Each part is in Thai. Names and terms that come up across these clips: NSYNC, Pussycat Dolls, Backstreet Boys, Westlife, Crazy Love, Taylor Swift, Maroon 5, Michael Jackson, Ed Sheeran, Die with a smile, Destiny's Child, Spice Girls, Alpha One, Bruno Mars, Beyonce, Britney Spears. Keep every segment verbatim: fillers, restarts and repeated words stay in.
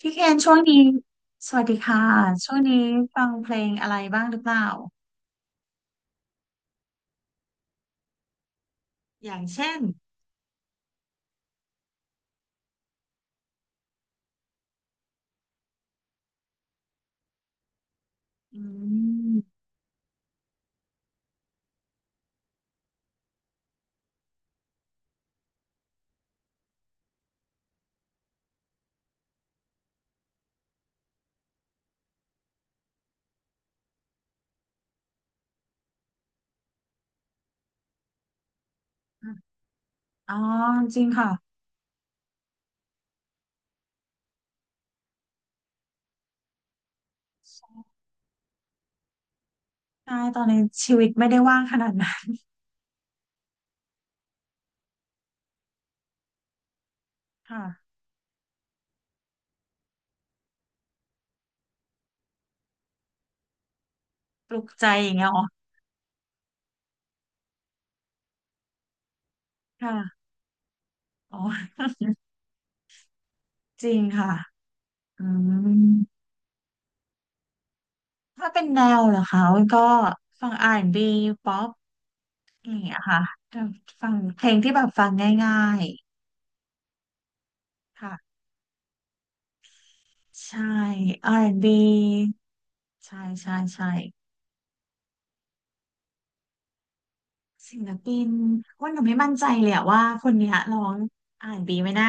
พี่เคนช่วงนี้สวัสดีค่ะช่วงนี้ฟังเพลงอะไรบ้างหรือเปล่าอย่างเช่นอืมอ๋อจริงค่ะใช่ตอนนี้ชีวิตไม่ได้ว่างขนาดนั้นค่ะปลุกใจอย่างเงี้ยเหรอค่ะอ๋อจริงค่ะอืมถ้าเป็นแนวเหรอคะก็ฟัง อาร์ แอนด์ บี ป๊อปอะไรอย่างเงี้ยค่ะแต่ฟังเพลงที่แบบฟังง่ายๆค่ะใช่ อาร์ แอนด์ บี ใช่ใช่ใช่ ศิลปินว่าหนูไม่มั่นใจเลยอะว่าคนเนี้ยร้องอาร์แอนด์บีไหมนะ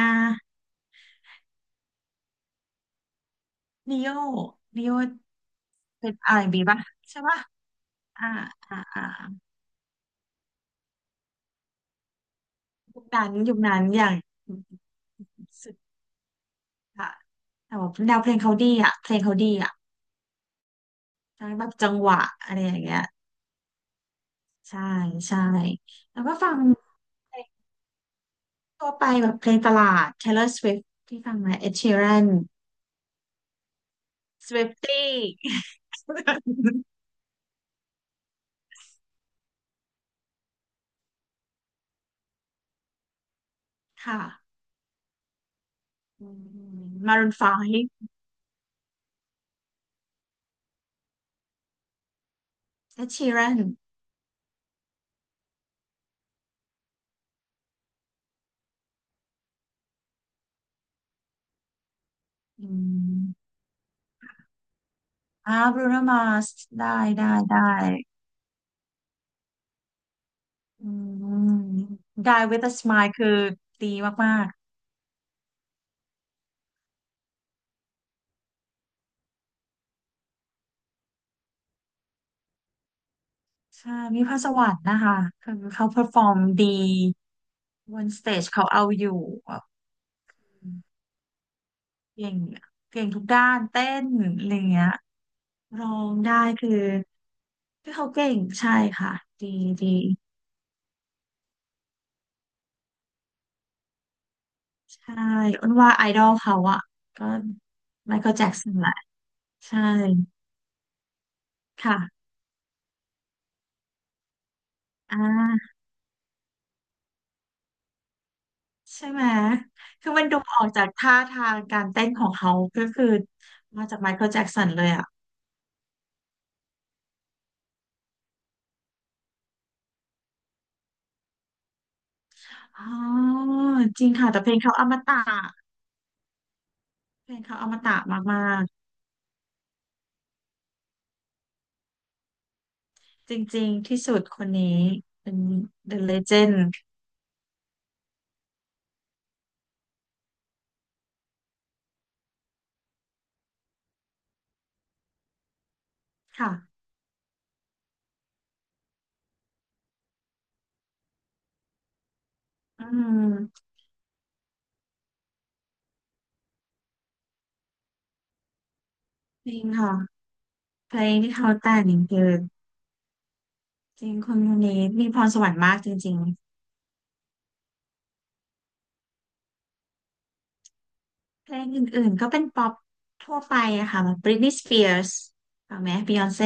นิโยนิโยเป็นอาร์แอนด์บีป่ะใช่ป่ะอ่าอ่าอ่ายุคนั้นยุคนั้นอย่างสุดค่ะแต่ว่าแนวเพลงเขาดีอ่ะเพลงเขาดีอ่ะทั้งแบบจังหวะอะไรอย่างเงี้ยใช่ใช่แล้วก็ฟังเพลงทั่วไปแบบเพลงตลาด Taylor Swift ที่ฟังไหม Ed Sheeran Swiftie ค่ะ Maroon ไฟว์ เอดชีแรนอืมอ่าบรูโนมาสได้ได้ได้อืม Die with a smile คือดีมากๆใช่ มีพรสวรรค์นะคะคือเขาเพอร์ฟอร์มดีบนสเตจเขาเอาอยู่แบบเก่งเก่งทุกด้านเต้นอะไรเงี้ยร้องได้คือคือเขาเก่งใช่ค่ะดีดีใช่อ้นว่าไอดอลเขาอะก็ไมเคิลแจ็คสันแหละใช่ค่ะอ่า ใช่ไหม คือมันดูออกจากท่าทางการเต้นของเขา ก็คือมาจากไมเคิลแจ็กสันเลยอ่ะอ๋อจริงค่ะ แต่เพลงเขาอมตะเพลงเขาอมตะมากๆ จริงๆ ที่สุดคนนี้เป็น The Legend ค่ะ อืมจริงค่ะ เพลงที่เขาแต่งคือจริงคนคนนี้มีพรสวรรค์มากจริงๆ เพลงอื่นๆ ก็เป็นป๊อปทั่วไปอะค่ะแบบ Britney Spears ฟังไหม Beyonce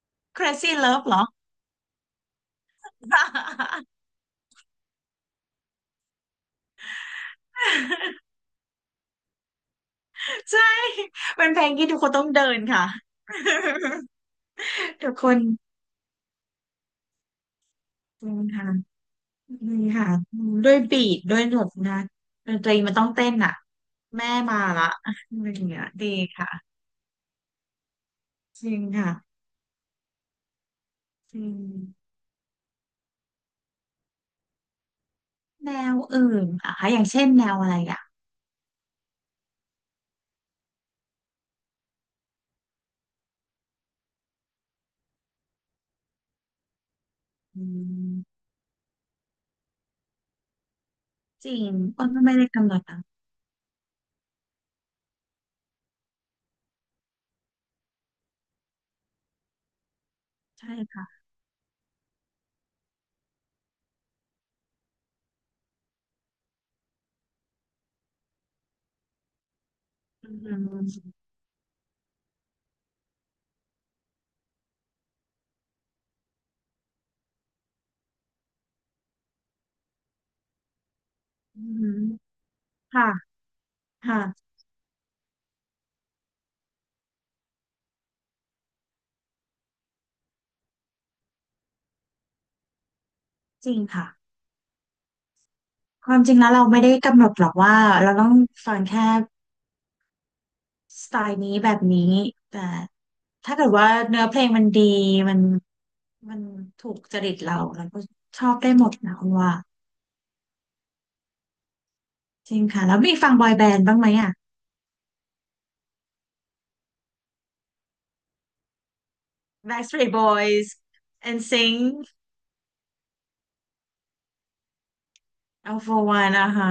Crazy Love เหรอ ใช่เป็นเพลงที่ทุกคนต้องเดินค่ะ ทุกคนจริงค่ะจริงค่ะด้วยบีทด้วยหนวดนะดนตรีมันต้องเต้นอ่ะแม่มาละอะไรอย่างเงี้ยดีค่ะจริงค่ะจริงแนวอื่นอ่ะคะอย่างเช่นแนวอะไรอ่ะอืมจริงอ้นก็ไม่ได้กำหนดอ่ะใช่ค่ะอืมอืมค่ะค่ะจริงค่ะความจริงแล้วเราไม่ได้กำหนดหรอกว่าเราต้องฟังแค่ สไตล์นี้แบบนี้แต่ถ้าเกิดว่าเนื้อเพลงมันดีมันมันถูกจริตเราเราก็ชอบได้หมดนะคุณว่าจริงค่ะแล้วมีฟังบอยแบนด์บ้างไหมอ่ะ Backstreet Boys เอ็น ซิงค์ เอ็นนซิงค์ Alpha One นะคะ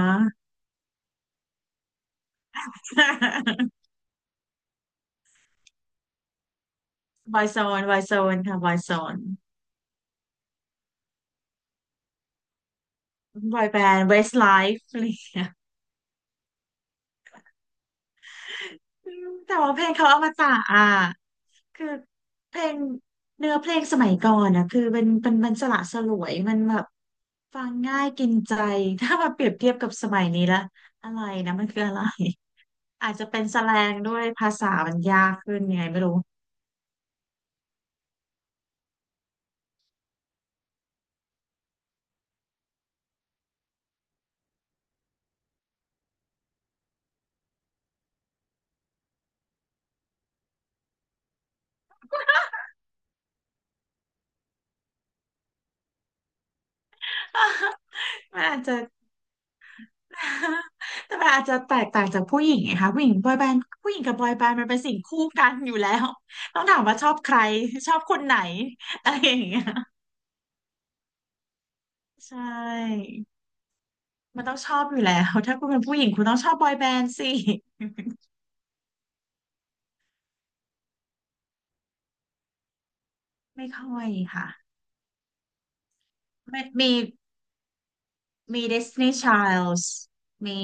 บอยโซนบอยโซนค่ะบอยโซนบอยแบนด์ Westlife อะไรอย่างเงี้ยแต่ว่าเพลงเขาอมตะอ่ะ คือเพลงเนื้อเพลงสมัยก่อนนะคือเป็นเป็นมันสละสลวยมันแบบฟังง่ายกินใจ ถ้ามาเปรียบเทียบกับสมัยนี้ละอะไรนะมันคืออะไรอาจจะเป็นแสแลงด้วยภาษามันยากขึ้นยังไงไม่รู้ มันอาจจะ แต่มันอาจจะแตกต่างจากผู้หญิงไงคะผู้หญิงบอยแบนด์ผู้หญิงกับบอยแบนด์มันเป็นสิ่งคู่กันอยู่แล้วต้องถามว่าชอบใครชอบคนไหนอะไรอย่างเงี้ยใช่ มันต้องชอบอยู่แล้วถ้าคุณเป็นผู้หญิงคุณต้องชอบบอยแบนด์สิไม่ค่อยค่ะไม่มีมี Destiny Childs มี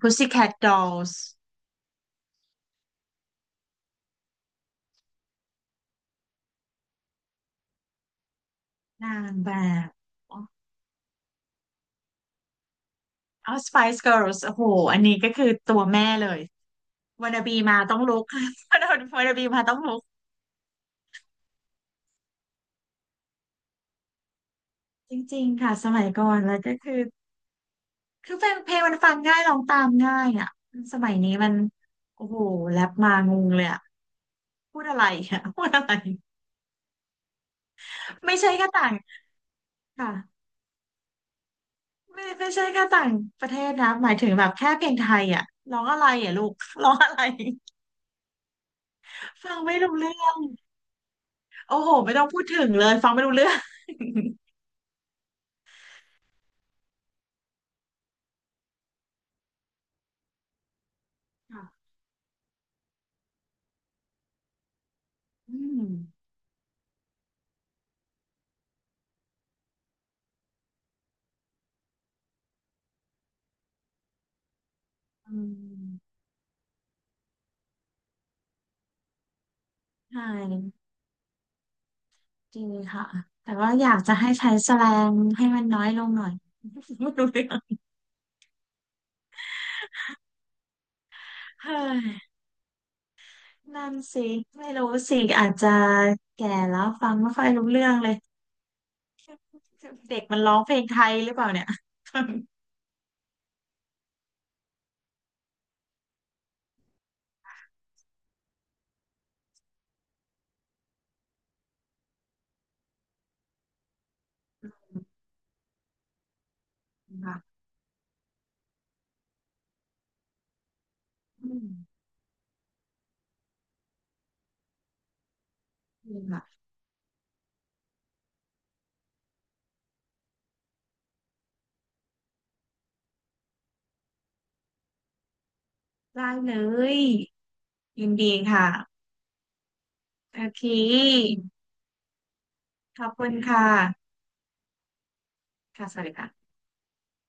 Pussycat Dolls นางแบบเอา Spice Girls โอ้โหอันนี้ก็คือตัวแม่เลย w านนาบีมาต้องลุก วันนาบีมาต้องลุกจริงๆค่ะสมัยก่อนแล้วก็คือคือเพลงเพลงมันฟังง่ายร้องตามง่ายอ่ะสมัยนี้มันโอ้โหแรปมางงเลยอ่ะพูดอะไรอ่ะ พูดอะไรไม่ใช่ก็ต่างค่ะ ไม่ไม่ใช่แค่ต่างประเทศนะหมายถึงแบบแค่เพลงไทยอ่ะร้องอะไรอ่ะลูก ร้องอะไรฟังไม่รู้เรื่องโอ้โหไม่ต้องพูดถึงเลยฟังไม่รู้เรื่องค่ะอืมอืมใช่จริงค่ะแต่ว่าอยากจะให้ใช้แสแลงให้มันน้อยลงหน่อย ไม่รู้เรื่องเฮ้ยนั่นสิไม่รู้สิอาจจะแก่แล้วฟังไม่ค่อยรู้เรื่องเลยเด็กมันร้องเพลงไทยหรือเปล่าเนี่ย ค่ะอืมจริงค่ะ ได้เลยยินดีค่ะโอเคขอบคุณค่ะค่ะสวัสดีค่ะ